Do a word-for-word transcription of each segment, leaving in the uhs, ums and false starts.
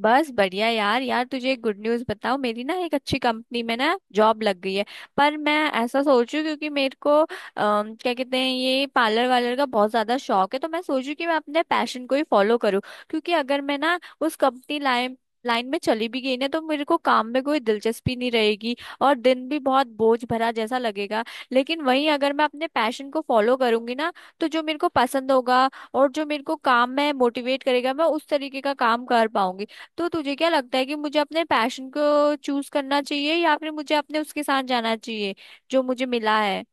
बस बढ़िया यार। यार तुझे एक गुड न्यूज़ बताऊं, मेरी ना एक अच्छी कंपनी में ना जॉब लग गई है। पर मैं ऐसा सोचूं क्योंकि मेरे को अम, क्या कहते हैं ये पार्लर वालर का बहुत ज्यादा शौक है, तो मैं सोचूं कि मैं अपने पैशन को ही फॉलो करूं। क्योंकि अगर मैं ना उस कंपनी लाइन लाइन में चली भी गई ना तो मेरे को काम में कोई दिलचस्पी नहीं रहेगी और दिन भी बहुत बोझ भरा जैसा लगेगा। लेकिन वहीं अगर मैं अपने पैशन को फॉलो करूंगी ना, तो जो मेरे को पसंद होगा और जो मेरे को काम में मोटिवेट करेगा, मैं उस तरीके का काम कर पाऊंगी। तो तुझे क्या लगता है कि मुझे अपने पैशन को चूज करना चाहिए या फिर मुझे अपने उसके साथ जाना चाहिए जो मुझे मिला है?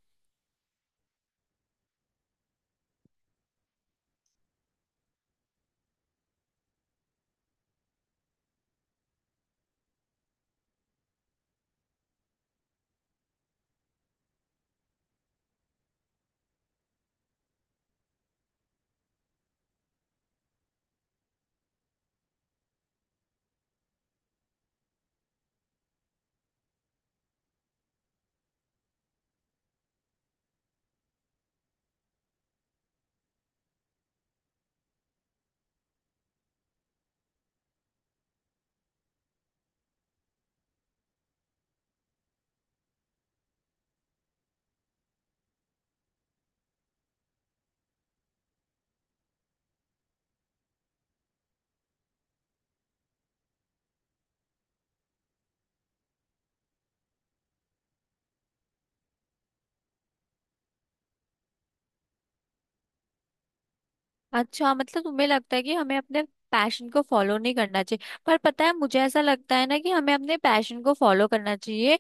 अच्छा, मतलब तुम्हें लगता है कि हमें अपने पैशन को फॉलो नहीं करना चाहिए। पर पता है मुझे ऐसा लगता है ना कि हमें अपने पैशन को फॉलो करना चाहिए।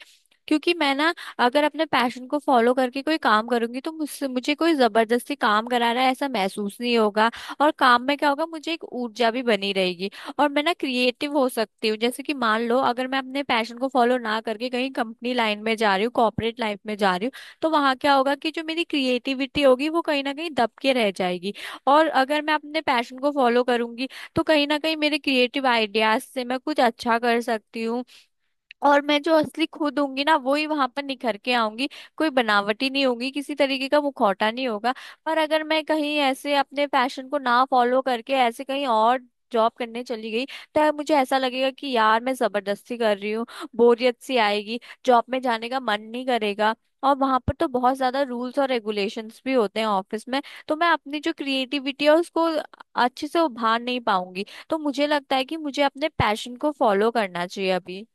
क्योंकि मैं ना अगर अपने पैशन को फॉलो करके कोई काम करूंगी तो मुझसे मुझे कोई जबरदस्ती काम करा रहा है ऐसा महसूस नहीं होगा। और काम में क्या होगा, मुझे एक ऊर्जा भी बनी रहेगी और मैं ना क्रिएटिव हो सकती हूँ। जैसे कि मान लो अगर मैं अपने पैशन को फॉलो ना करके कहीं कंपनी लाइन में जा रही हूँ, कॉर्पोरेट लाइफ में जा रही हूँ, तो वहां क्या होगा कि जो मेरी क्रिएटिविटी होगी वो कहीं ना कहीं दब के रह जाएगी। और अगर मैं अपने पैशन को फॉलो करूंगी तो कहीं ना कहीं मेरे क्रिएटिव आइडियाज से मैं कुछ अच्छा कर सकती हूँ, और मैं जो असली खुद होंगी ना वो ही वहां पर निखर के आऊंगी। कोई बनावटी नहीं होगी, किसी तरीके का मुखौटा नहीं होगा। पर अगर मैं कहीं ऐसे अपने पैशन को ना फॉलो करके ऐसे कहीं और जॉब करने चली गई, तो मुझे ऐसा लगेगा कि यार मैं जबरदस्ती कर रही हूँ, बोरियत सी आएगी, जॉब में जाने का मन नहीं करेगा। और वहां पर तो बहुत ज्यादा रूल्स और रेगुलेशंस भी होते हैं ऑफिस में, तो मैं अपनी जो क्रिएटिविटी है उसको अच्छे से उभार नहीं पाऊंगी। तो मुझे लगता है कि मुझे अपने पैशन को फॉलो करना चाहिए अभी।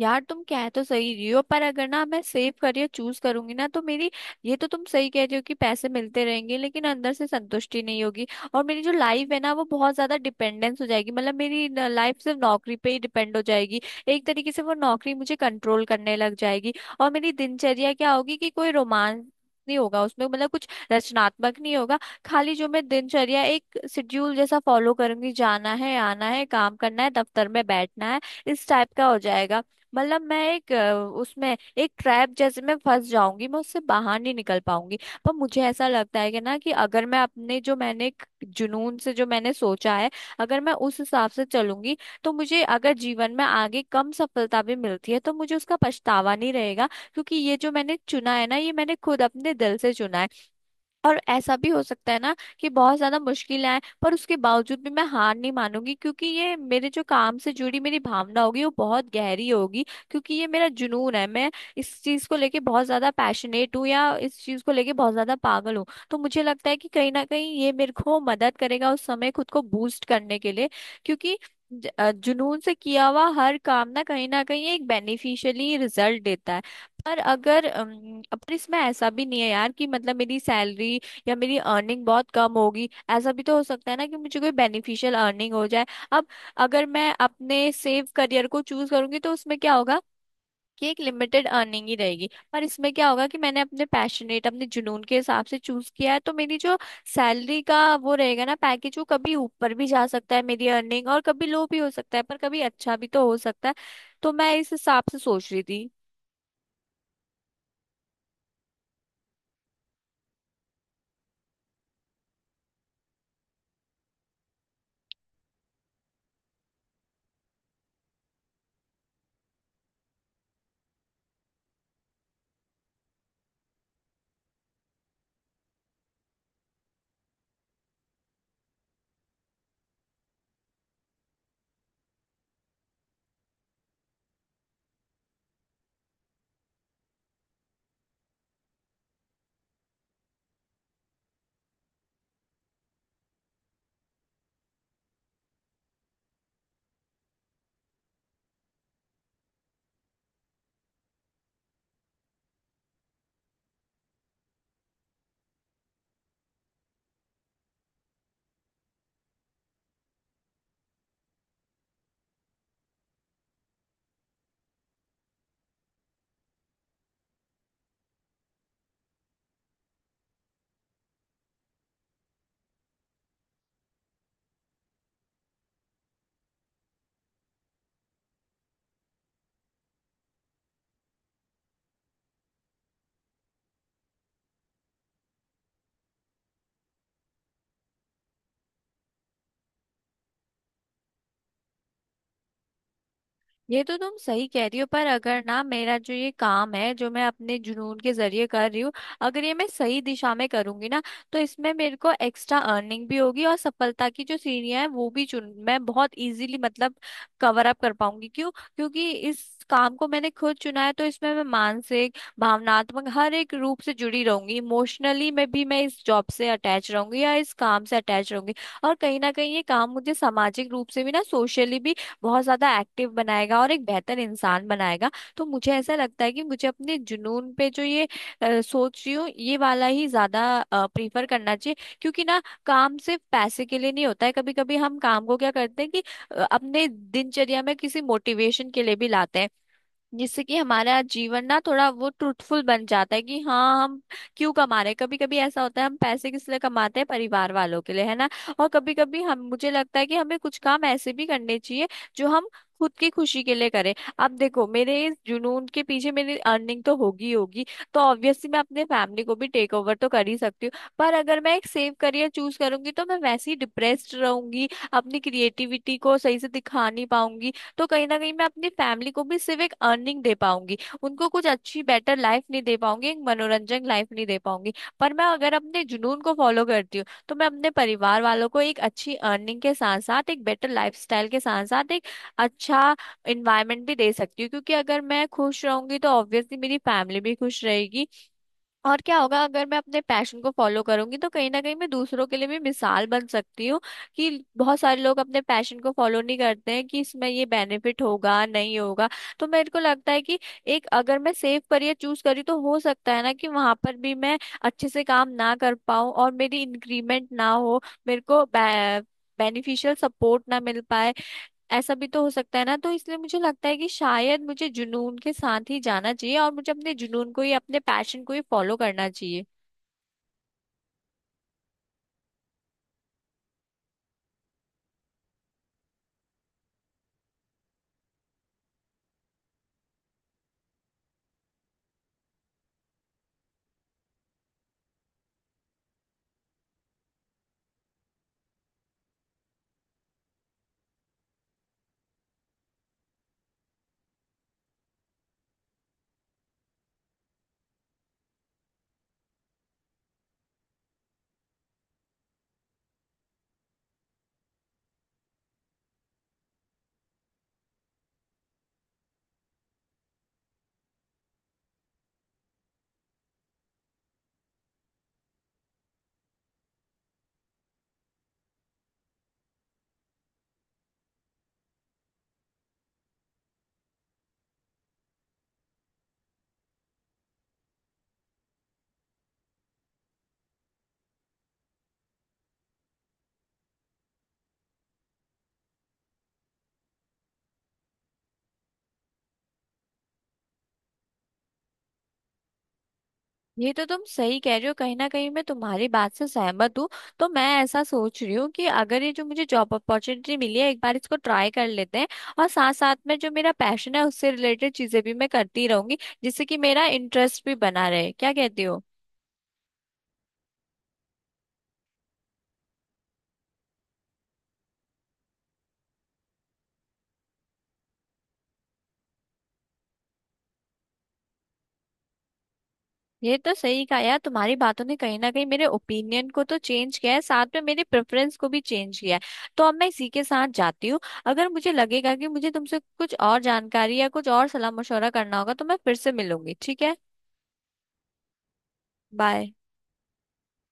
यार तुम कह तो सही रही हो, पर अगर ना मैं सेव करियर चूज करूंगी ना तो मेरी, ये तो तुम सही कह रही हो कि पैसे मिलते रहेंगे लेकिन अंदर से संतुष्टि नहीं होगी। और मेरी जो लाइफ है ना वो बहुत ज्यादा डिपेंडेंस हो जाएगी, मतलब मेरी लाइफ सिर्फ नौकरी पे ही डिपेंड हो जाएगी। एक तरीके से वो नौकरी मुझे कंट्रोल करने लग जाएगी। और मेरी दिनचर्या क्या होगी कि कोई रोमांस नहीं होगा उसमें, मतलब कुछ रचनात्मक नहीं होगा। खाली जो मैं दिनचर्या एक शेड्यूल जैसा फॉलो करूंगी, जाना है, आना है, काम करना है, दफ्तर में बैठना है, इस टाइप का हो जाएगा। मतलब मैं एक अ, उसमें एक ट्रैप जैसे मैं फंस जाऊंगी, मैं उससे बाहर नहीं निकल पाऊंगी। पर मुझे ऐसा लगता है कि ना कि अगर मैं अपने जो मैंने एक जुनून से जो मैंने सोचा है, अगर मैं उस हिसाब से चलूंगी, तो मुझे अगर जीवन में आगे कम सफलता भी मिलती है तो मुझे उसका पछतावा नहीं रहेगा, क्योंकि ये जो मैंने चुना है ना ये मैंने खुद अपने दिल से चुना है। और ऐसा भी हो सकता है ना कि बहुत ज्यादा मुश्किल आए, पर उसके बावजूद भी मैं हार नहीं मानूंगी, क्योंकि ये मेरे जो काम से जुड़ी मेरी भावना होगी वो बहुत गहरी होगी। क्योंकि ये मेरा जुनून है, मैं इस चीज को लेके बहुत ज्यादा पैशनेट हूँ या इस चीज को लेके बहुत ज्यादा पागल हूँ। तो मुझे लगता है कि कहीं ना कहीं ये मेरे को मदद करेगा उस समय खुद को बूस्ट करने के लिए, क्योंकि ज- अ, जुनून से किया हुआ हर काम ना कहीं ना कहीं एक बेनिफिशियली रिजल्ट देता है। पर अगर, अम, पर इसमें ऐसा भी नहीं है यार कि मतलब मेरी सैलरी या मेरी अर्निंग बहुत कम होगी, ऐसा भी तो हो सकता है ना कि मुझे कोई बेनिफिशियल अर्निंग हो जाए। अब अगर मैं अपने सेव करियर को चूज करूंगी तो उसमें क्या होगा कि एक लिमिटेड अर्निंग ही रहेगी। पर इसमें क्या होगा कि मैंने अपने पैशनेट अपने जुनून के हिसाब से चूज किया है तो मेरी जो सैलरी का वो रहेगा ना पैकेज, वो कभी ऊपर भी जा सकता है मेरी अर्निंग और कभी लो भी हो सकता है, पर कभी अच्छा भी तो हो सकता है। तो मैं इस हिसाब से सोच रही थी। ये तो तुम सही कह रही हो, पर अगर ना मेरा जो ये काम है जो मैं अपने जुनून के जरिए कर रही हूँ, अगर ये मैं सही दिशा में करूंगी ना, तो इसमें मेरे को एक्स्ट्रा अर्निंग भी होगी और सफलता की जो सीढ़ियां हैं वो भी चुन, मैं बहुत इजीली मतलब कवर अप कर पाऊंगी। क्यों? क्योंकि इस काम को मैंने खुद चुना है, तो इसमें मैं मानसिक, भावनात्मक हर एक रूप से जुड़ी रहूंगी। इमोशनली मैं भी मैं इस जॉब से अटैच रहूंगी या इस काम से अटैच रहूंगी। और कहीं ना कहीं ये काम मुझे सामाजिक रूप से भी ना, सोशली भी बहुत ज्यादा एक्टिव बनाएगा और एक बेहतर इंसान बनाएगा। तो मुझे ऐसा लगता है कि मुझे अपने जुनून पे जो ये अ, सोच रही हूँ ये वाला ही ज्यादा प्रीफर करना चाहिए। क्योंकि ना काम सिर्फ पैसे के लिए नहीं होता है। कभी कभी हम काम को क्या करते हैं कि अ, अपने दिनचर्या में किसी मोटिवेशन के लिए भी लाते हैं, जिससे कि हमारा जीवन ना थोड़ा वो ट्रूथफुल बन जाता है कि हाँ हम क्यों कमा रहे हैं। कभी कभी ऐसा होता है हम पैसे किस लिए कमाते हैं, परिवार वालों के लिए है ना। और कभी कभी हम मुझे लगता है कि हमें कुछ काम ऐसे भी करने चाहिए जो हम खुद की खुशी के लिए करें। अब देखो मेरे इस जुनून के पीछे मेरी अर्निंग तो होगी ही होगी, तो ऑब्वियसली मैं अपने फैमिली को भी टेक ओवर तो कर ही सकती हूँ। पर अगर मैं एक सेफ करियर चूज करूंगी तो मैं वैसे ही डिप्रेस्ड रहूंगी, अपनी क्रिएटिविटी को सही से दिखा नहीं पाऊंगी, तो कहीं ना कहीं मैं अपनी फैमिली को भी सिर्फ एक अर्निंग दे पाऊंगी, उनको कुछ अच्छी बेटर लाइफ नहीं दे पाऊंगी, एक मनोरंजक लाइफ नहीं दे पाऊंगी। पर मैं अगर अपने जुनून को फॉलो करती हूँ तो मैं अपने परिवार वालों को एक अच्छी अर्निंग के साथ साथ एक बेटर लाइफस्टाइल के साथ साथ एक अच्छा इन्वायरमेंट भी दे सकती हूँ, क्योंकि अगर मैं खुश रहूंगी तो ऑब्वियसली मेरी फैमिली भी खुश रहेगी। और क्या होगा, अगर मैं अपने पैशन को फॉलो करूंगी तो कहीं ना कहीं मैं दूसरों के लिए भी मिसाल बन सकती हूँ कि बहुत सारे लोग अपने पैशन को फॉलो नहीं करते हैं कि इसमें ये बेनिफिट होगा, नहीं होगा। तो मेरे को लगता है कि एक अगर मैं सेफ करियर चूज करी तो हो सकता है ना कि वहां पर भी मैं अच्छे से काम ना कर पाऊँ और मेरी इंक्रीमेंट ना हो, मेरे को बेनिफिशियल सपोर्ट ना मिल पाए, ऐसा भी तो हो सकता है ना। तो इसलिए मुझे लगता है कि शायद मुझे जुनून के साथ ही जाना चाहिए और मुझे अपने जुनून को ही, अपने पैशन को ही फॉलो करना चाहिए। ये तो तुम सही कह रही हो, कहीं ना कहीं मैं तुम्हारी बात से सहमत हूँ। तो मैं ऐसा सोच रही हूँ कि अगर ये जो मुझे जॉब अपॉर्चुनिटी मिली है एक बार इसको ट्राई कर लेते हैं और साथ साथ में जो मेरा पैशन है उससे रिलेटेड चीजें भी मैं करती रहूंगी, जिससे कि मेरा इंटरेस्ट भी बना रहे। क्या कहती हो? ये तो सही कहा यार, तुम्हारी बातों ने कहीं ना कहीं मेरे ओपिनियन को तो चेंज किया है, साथ में मेरी प्रेफरेंस को भी चेंज किया है। तो अब मैं इसी के साथ जाती हूँ। अगर मुझे लगेगा कि मुझे तुमसे कुछ और जानकारी या कुछ और सलाह मशवरा करना होगा तो मैं फिर से मिलूंगी। ठीक है? बाय।